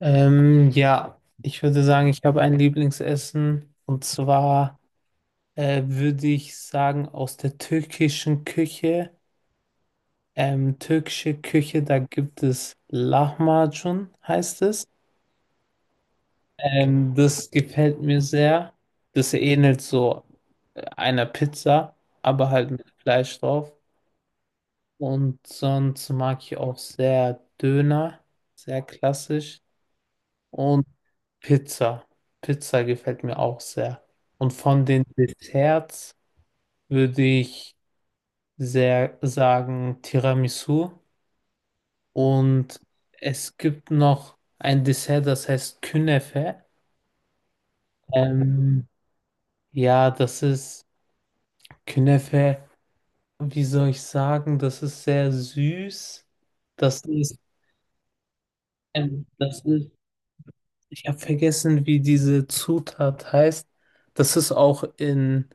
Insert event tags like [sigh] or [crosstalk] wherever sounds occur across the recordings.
Ja, ich würde sagen, ich habe ein Lieblingsessen und zwar würde ich sagen aus der türkischen Küche. Türkische Küche, da gibt es Lahmacun, heißt es. Das gefällt mir sehr. Das ähnelt so einer Pizza, aber halt mit Fleisch drauf. Und sonst mag ich auch sehr Döner, sehr klassisch. Und Pizza. Pizza gefällt mir auch sehr. Und von den Desserts würde ich sehr sagen Tiramisu. Und es gibt noch ein Dessert, das heißt Künefe. Ähm, ja, das ist Künefe. Wie soll ich sagen? Das ist sehr süß. Das ist, das ist, ich habe vergessen, wie diese Zutat heißt. Das ist auch in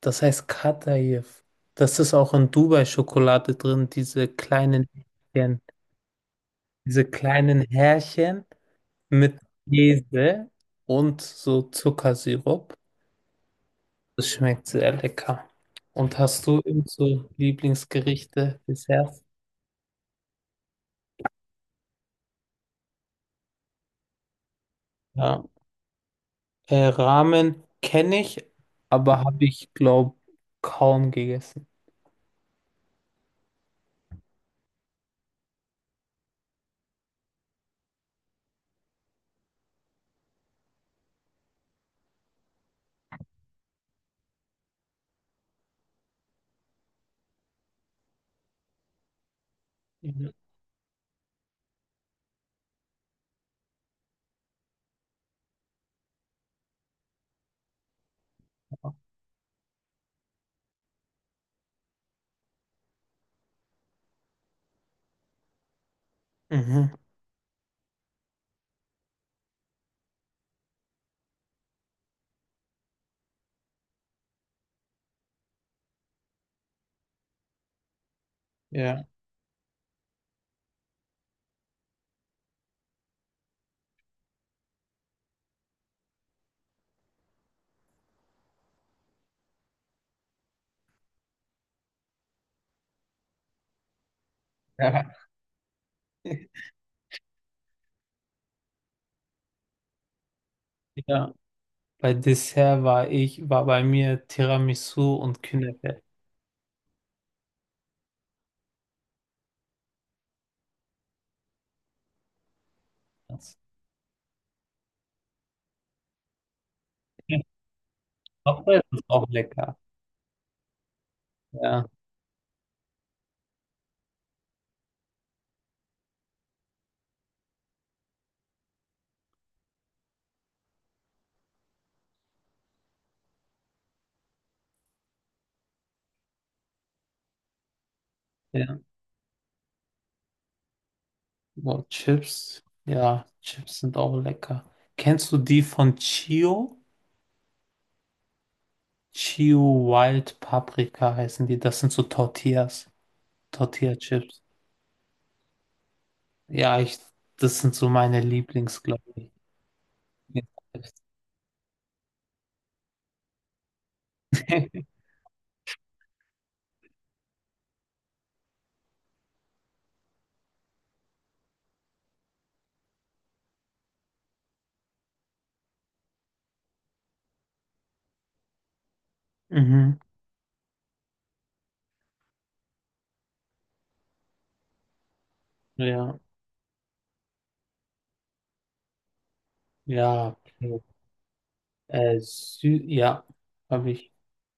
Das heißt Kataif. Das ist auch in Dubai-Schokolade drin, Härchen, diese kleinen Härchen mit Käse und so Zuckersirup. Das schmeckt sehr lecker. Und hast du eben so Lieblingsgerichte, Desserts? Ja. Ramen kenne ich, aber habe ich, glaube kaum gegessen. Mhm. Mhm. Ja. Ja. [laughs] Ja. Bei Dessert war bei mir Tiramisu und Künefe. Das- Auch das ist auch lecker. Ja, ja. Boah, Chips. Ja, Chips sind auch lecker. Kennst du die von Chio? Chio Wild Paprika heißen die. Das sind so Tortillas. Tortilla-Chips. Ja, ich, das sind so meine Lieblings, glaube ich. [laughs] Mhm. Ja, ja. Äh, Sü ja, habe ich.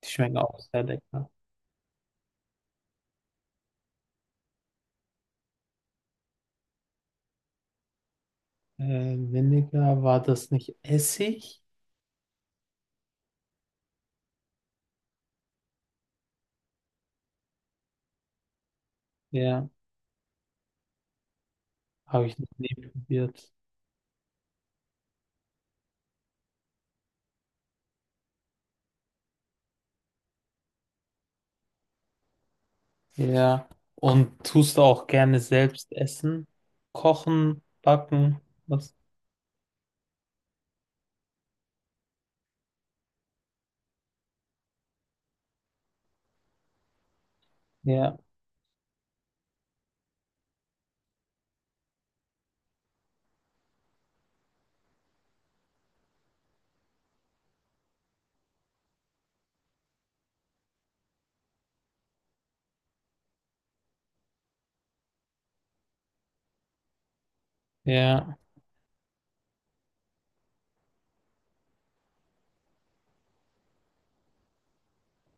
Die schmecken auch sehr lecker. Äh, Vinegar, war das nicht Essig? Ja, habe ich noch nie probiert. Ja, und tust du auch gerne selbst essen? Kochen, backen? Was? Ja, ja,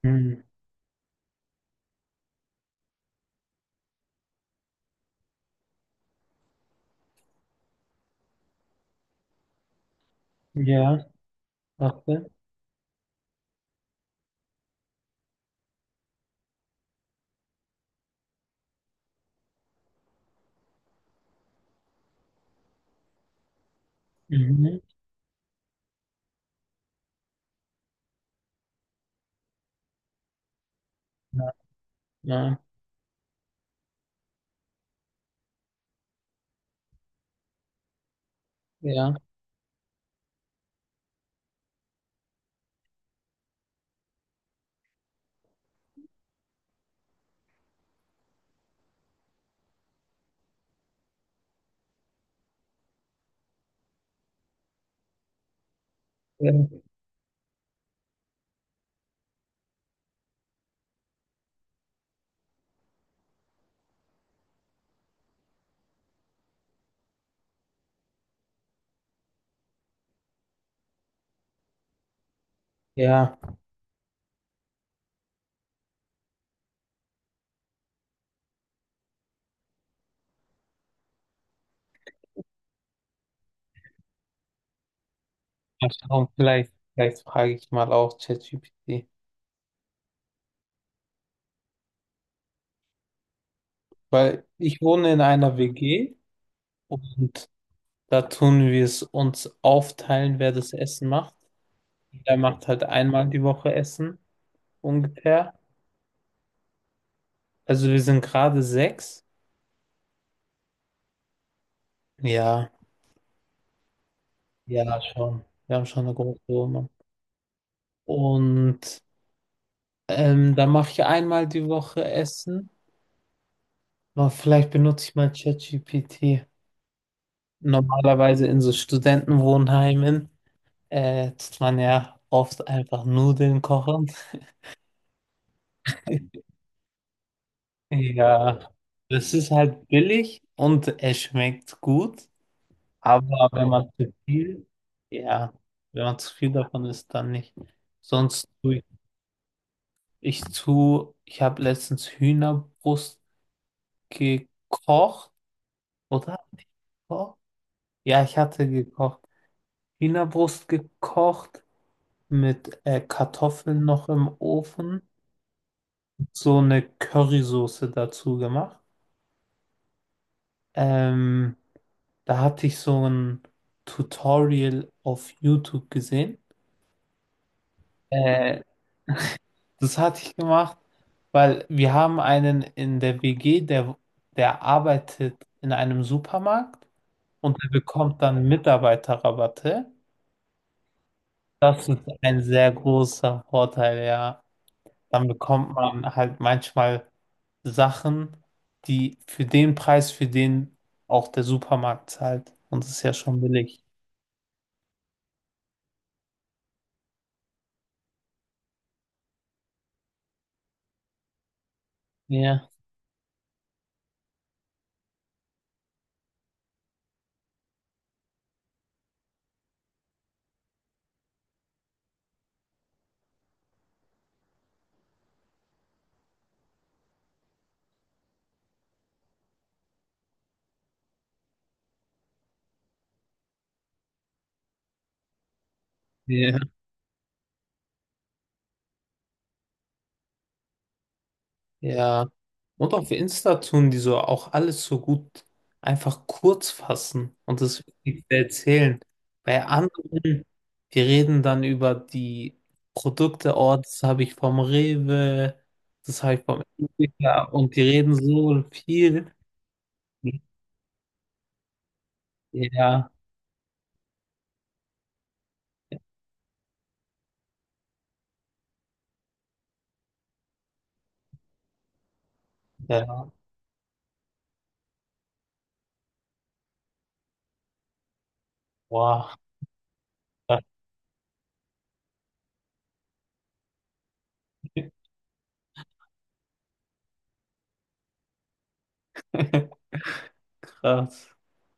hm. Ja, warte. Mhm. Ja, ja, ja, ja. Ja. Mal schauen, vielleicht frage ich mal auch ChatGPT. Weil ich wohne in einer WG und da tun wir es uns aufteilen, wer das Essen macht. Der macht halt einmal die Woche Essen, ungefähr. Also wir sind gerade sechs. Ja, ja, schon. Wir haben schon eine große Wohnung. Und dann mache ich einmal die Woche Essen. Aber vielleicht benutze ich mal ChatGPT. Normalerweise in so Studentenwohnheimen tut man ja oft einfach Nudeln kochen. [laughs] Ja, das ist halt billig und es schmeckt gut. Aber wenn man zu viel, ja, wenn man zu viel davon isst, dann nicht. Sonst tue ich, ich zu, ich habe letztens Hühnerbrust gekocht, oder? Hatte ich gekocht? Ja, ich hatte gekocht. Hühnerbrust gekocht mit Kartoffeln noch im Ofen, so eine Currysoße dazu gemacht. Ähm, da hatte ich so ein Tutorial auf YouTube gesehen. Äh, Das hatte ich gemacht, weil wir haben einen in der WG, der arbeitet in einem Supermarkt und der bekommt dann Mitarbeiterrabatte. Das ist ein sehr großer Vorteil, ja. Dann bekommt man halt manchmal Sachen, die für den Preis, für den auch der Supermarkt zahlt. Und das ist ja schon billig. Ja. Ja. Ja. Und auf Insta tun die so auch alles so gut einfach kurz fassen und das wirklich erzählen. Bei anderen, wir reden dann über die Produkte, oh, das habe ich vom Rewe, das habe ich vom Edeka und die reden so viel. Ja, ja, wow, [laughs] krass.